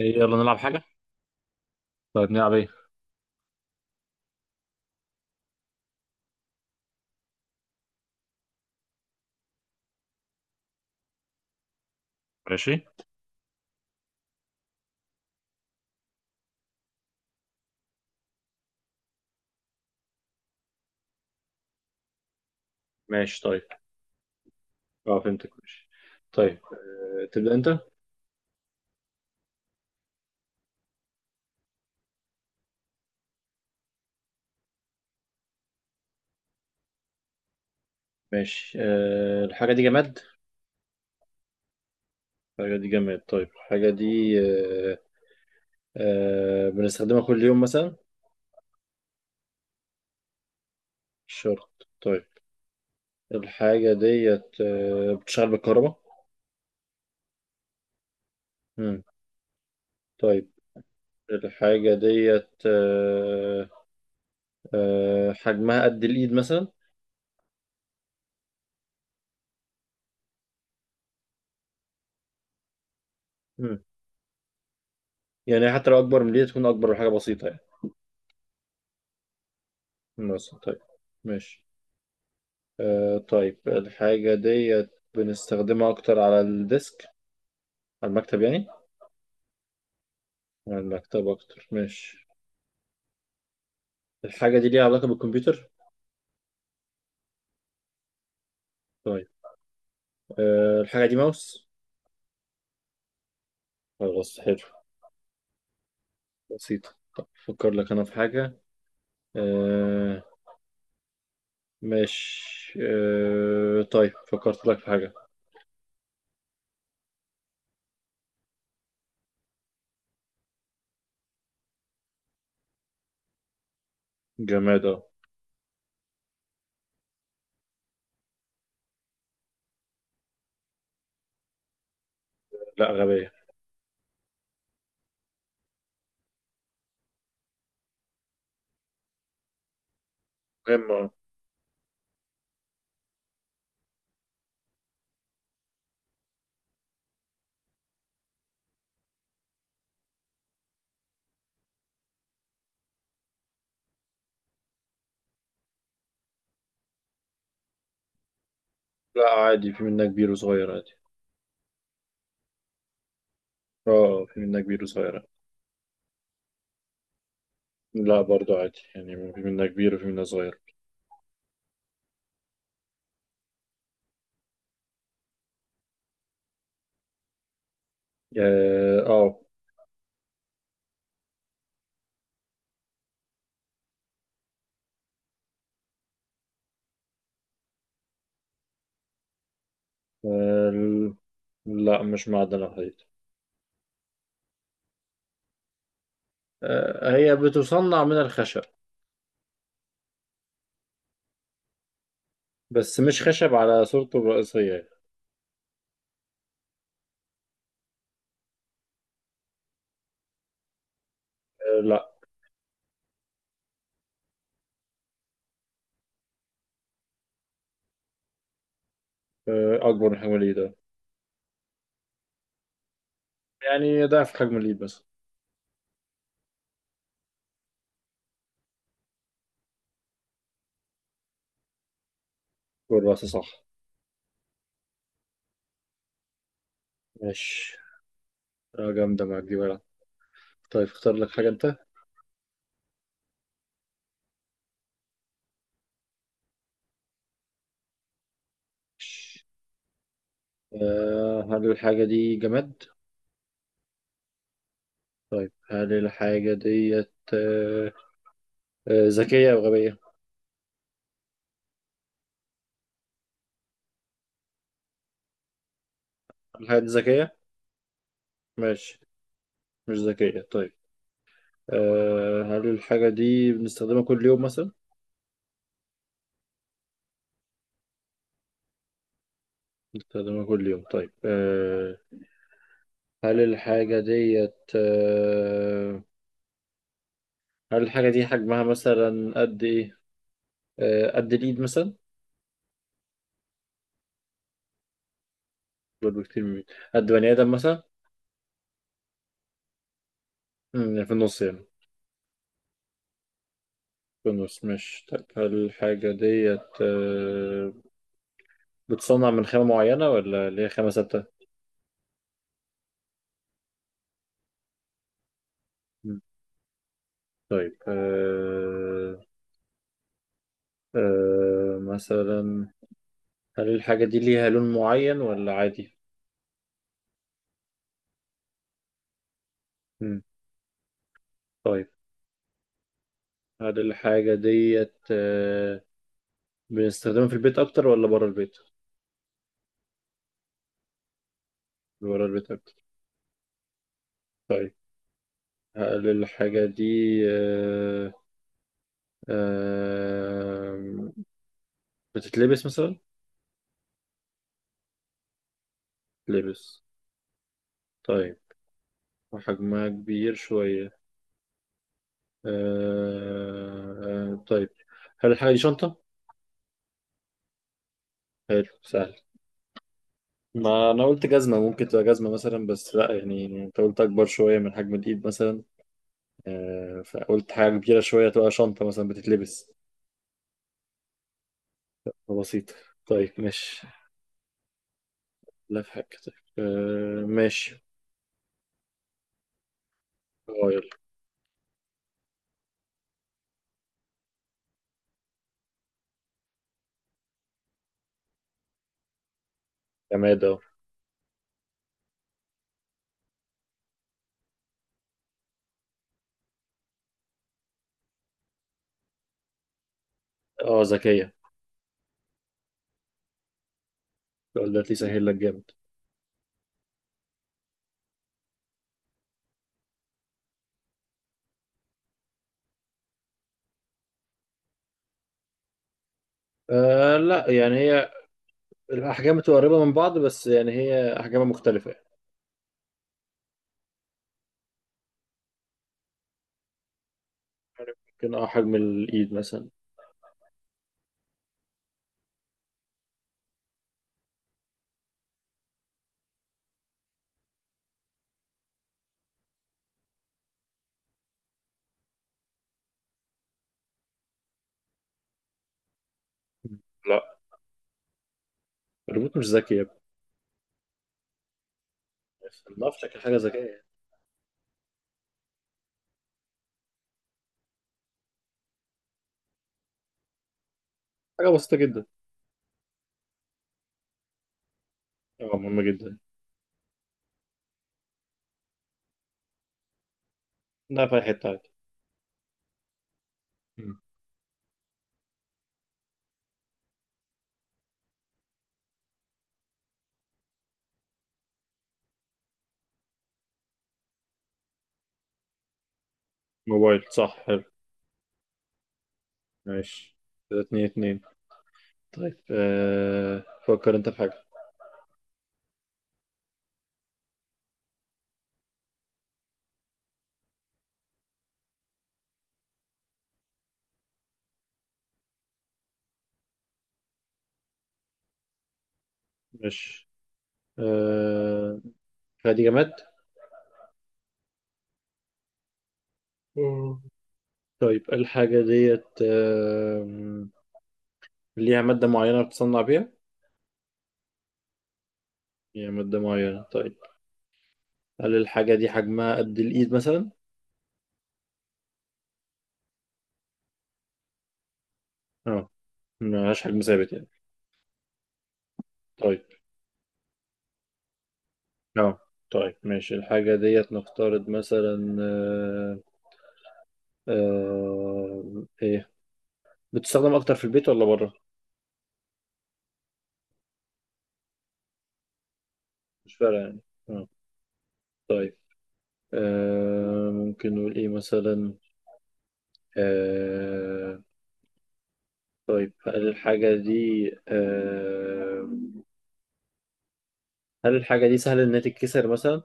إيه، يلا نلعب حاجة. طيب، نلعب ايه؟ ماشي. ماشي طيب. اه، فهمتك. ماشي. طيب، تبدأ انت. ماشي. الحاجة دي جماد؟ الحاجة دي جماد. طيب، الحاجة دي أه أه بنستخدمها كل يوم مثلا؟ مش شرط. طيب، الحاجة ديت بتشتغل بالكهرباء؟ مم. طيب، الحاجة ديت أه أه حجمها قد الإيد مثلا؟ مم. يعني حتى لو أكبر من الإيد، تكون أكبر من حاجة بسيطة يعني. مثلا. طيب، ماشي. طيب، الحاجة ديت بنستخدمها أكتر على الديسك، على المكتب يعني. على المكتب أكتر. ماشي. الحاجة دي ليها علاقة بالكمبيوتر؟ طيب. الحاجة دي ماوس؟ خلاص، حلو. بسيطة. أفكر لك أنا في حاجة. آه، ماشي. طيب، فكرت لك في حاجة. جماد أهو. لا، غبية. مهمة أهو. لا، عادي، في منها كبير وصغير عادي. اه، آه، في منها كبير وصغير. لا، برضو عادي يعني، في منها كبير وفي منها صغير. اه، آه. آه، لا، مش معدن الحديد. آه، هي بتصنع من الخشب. بس مش خشب على صورته الرئيسية. آه، لا. آه، أكبر من حجم الإيد. آه. يعني ضعف حجم الإيد بس. والرأس صح. ماشي. جامدة معاك دي بقى. طيب، اختار لك حاجة أنت. ماشي. هل الحاجة دي جماد؟ هل الحاجة ديت ذكية أو غبية؟ هل الحاجة دي ذكية؟ ماشي. مش ذكية. طيب. هل الحاجة دي بنستخدمها كل يوم مثلا؟ بستخدمها كل يوم. طيب. هل الحاجة ديت هل الحاجة دي حجمها مثلا قد إيه؟ قد الإيد مثلا؟ برضه كتير من الإيد. قد بني آدم مثلا؟ مم، يعني في النص يعني. في النص مش. طيب، هل الحاجة ديت بتصنع من خامة معينة ولا اللي هي خامة ثابتة؟ مم، طيب. أه أه مثلا. هل الحاجة دي ليها لون معين ولا عادي؟ مم، طيب. هل الحاجة ديت بنستخدمها في البيت أكتر ولا بره البيت؟ بره البيت أكتر. طيب. هل الحاجة دي آه، بتتلبس مثلا؟ لبس. طيب. وحجمها كبير شوية. آه، آه، طيب. هل الحاجة دي شنطة؟ حلو، سهل. ما أنا قلت جزمة، ممكن تبقى جزمة مثلا، بس لأ، يعني أنت قلت أكبر شوية من حجم الإيد مثلا. آه، فقلت حاجة كبيرة شوية تبقى شنطة مثلا بتتلبس. بسيطة. طيب، ماشي. لا، في حاجة. طيب. آه، ماشي. اه، يلا. جماد اهو. اه، ذكية. السؤال ده هيسهل لك جامد. لا، يعني هي الأحجام بتبقى قريبة من بعض، بس يعني هي أحجامها مختلفة يعني. عارف، ممكن حجم الإيد مثلا. لا، الريموت مش ذكي يا ابني. ما شكل حاجة ذكية يعني. حاجة بسيطة جدا. اه، مهمة جدا. لا، في أي حتة عادي. مم. موبايل، صح، حلو. ماشي. كده، 2-2. طيب، فكر انت في حاجة. ماشي. آه الحاجة دي جماد. طيب، الحاجة ديت ليها مادة معينة بتصنع بيها؟ ليها مادة معينة. طيب. هل الحاجة دي حجمها قد الإيد مثلا؟ اه. ملهاش حجم ثابت يعني. طيب. اه. طيب، ماشي. الحاجة ديت نفترض مثلا ايه بتستخدم أكتر في البيت ولا بره؟ مش فارقة يعني. اه. طيب. ممكن نقول ايه مثلا. آه، طيب، هل الحاجة دي آه، هل الحاجة دي سهل إنها تتكسر مثلا؟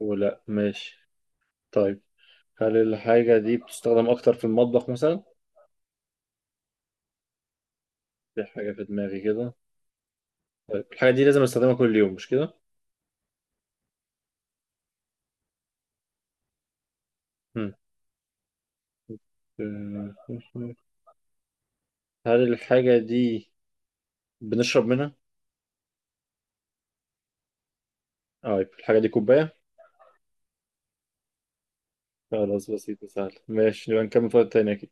ولا ماشي. طيب. هل الحاجة دي بتستخدم أكتر في المطبخ مثلا؟ في حاجة في دماغي كده. طيب، الحاجة دي لازم أستخدمها كل يوم مش كده؟ مم. هل الحاجة دي بنشرب منها؟ طيب، الحاجة دي كوباية؟ خلاص، بسيطة، سهلة. ماشي، نبقى نكمل في وقت تاني أكيد.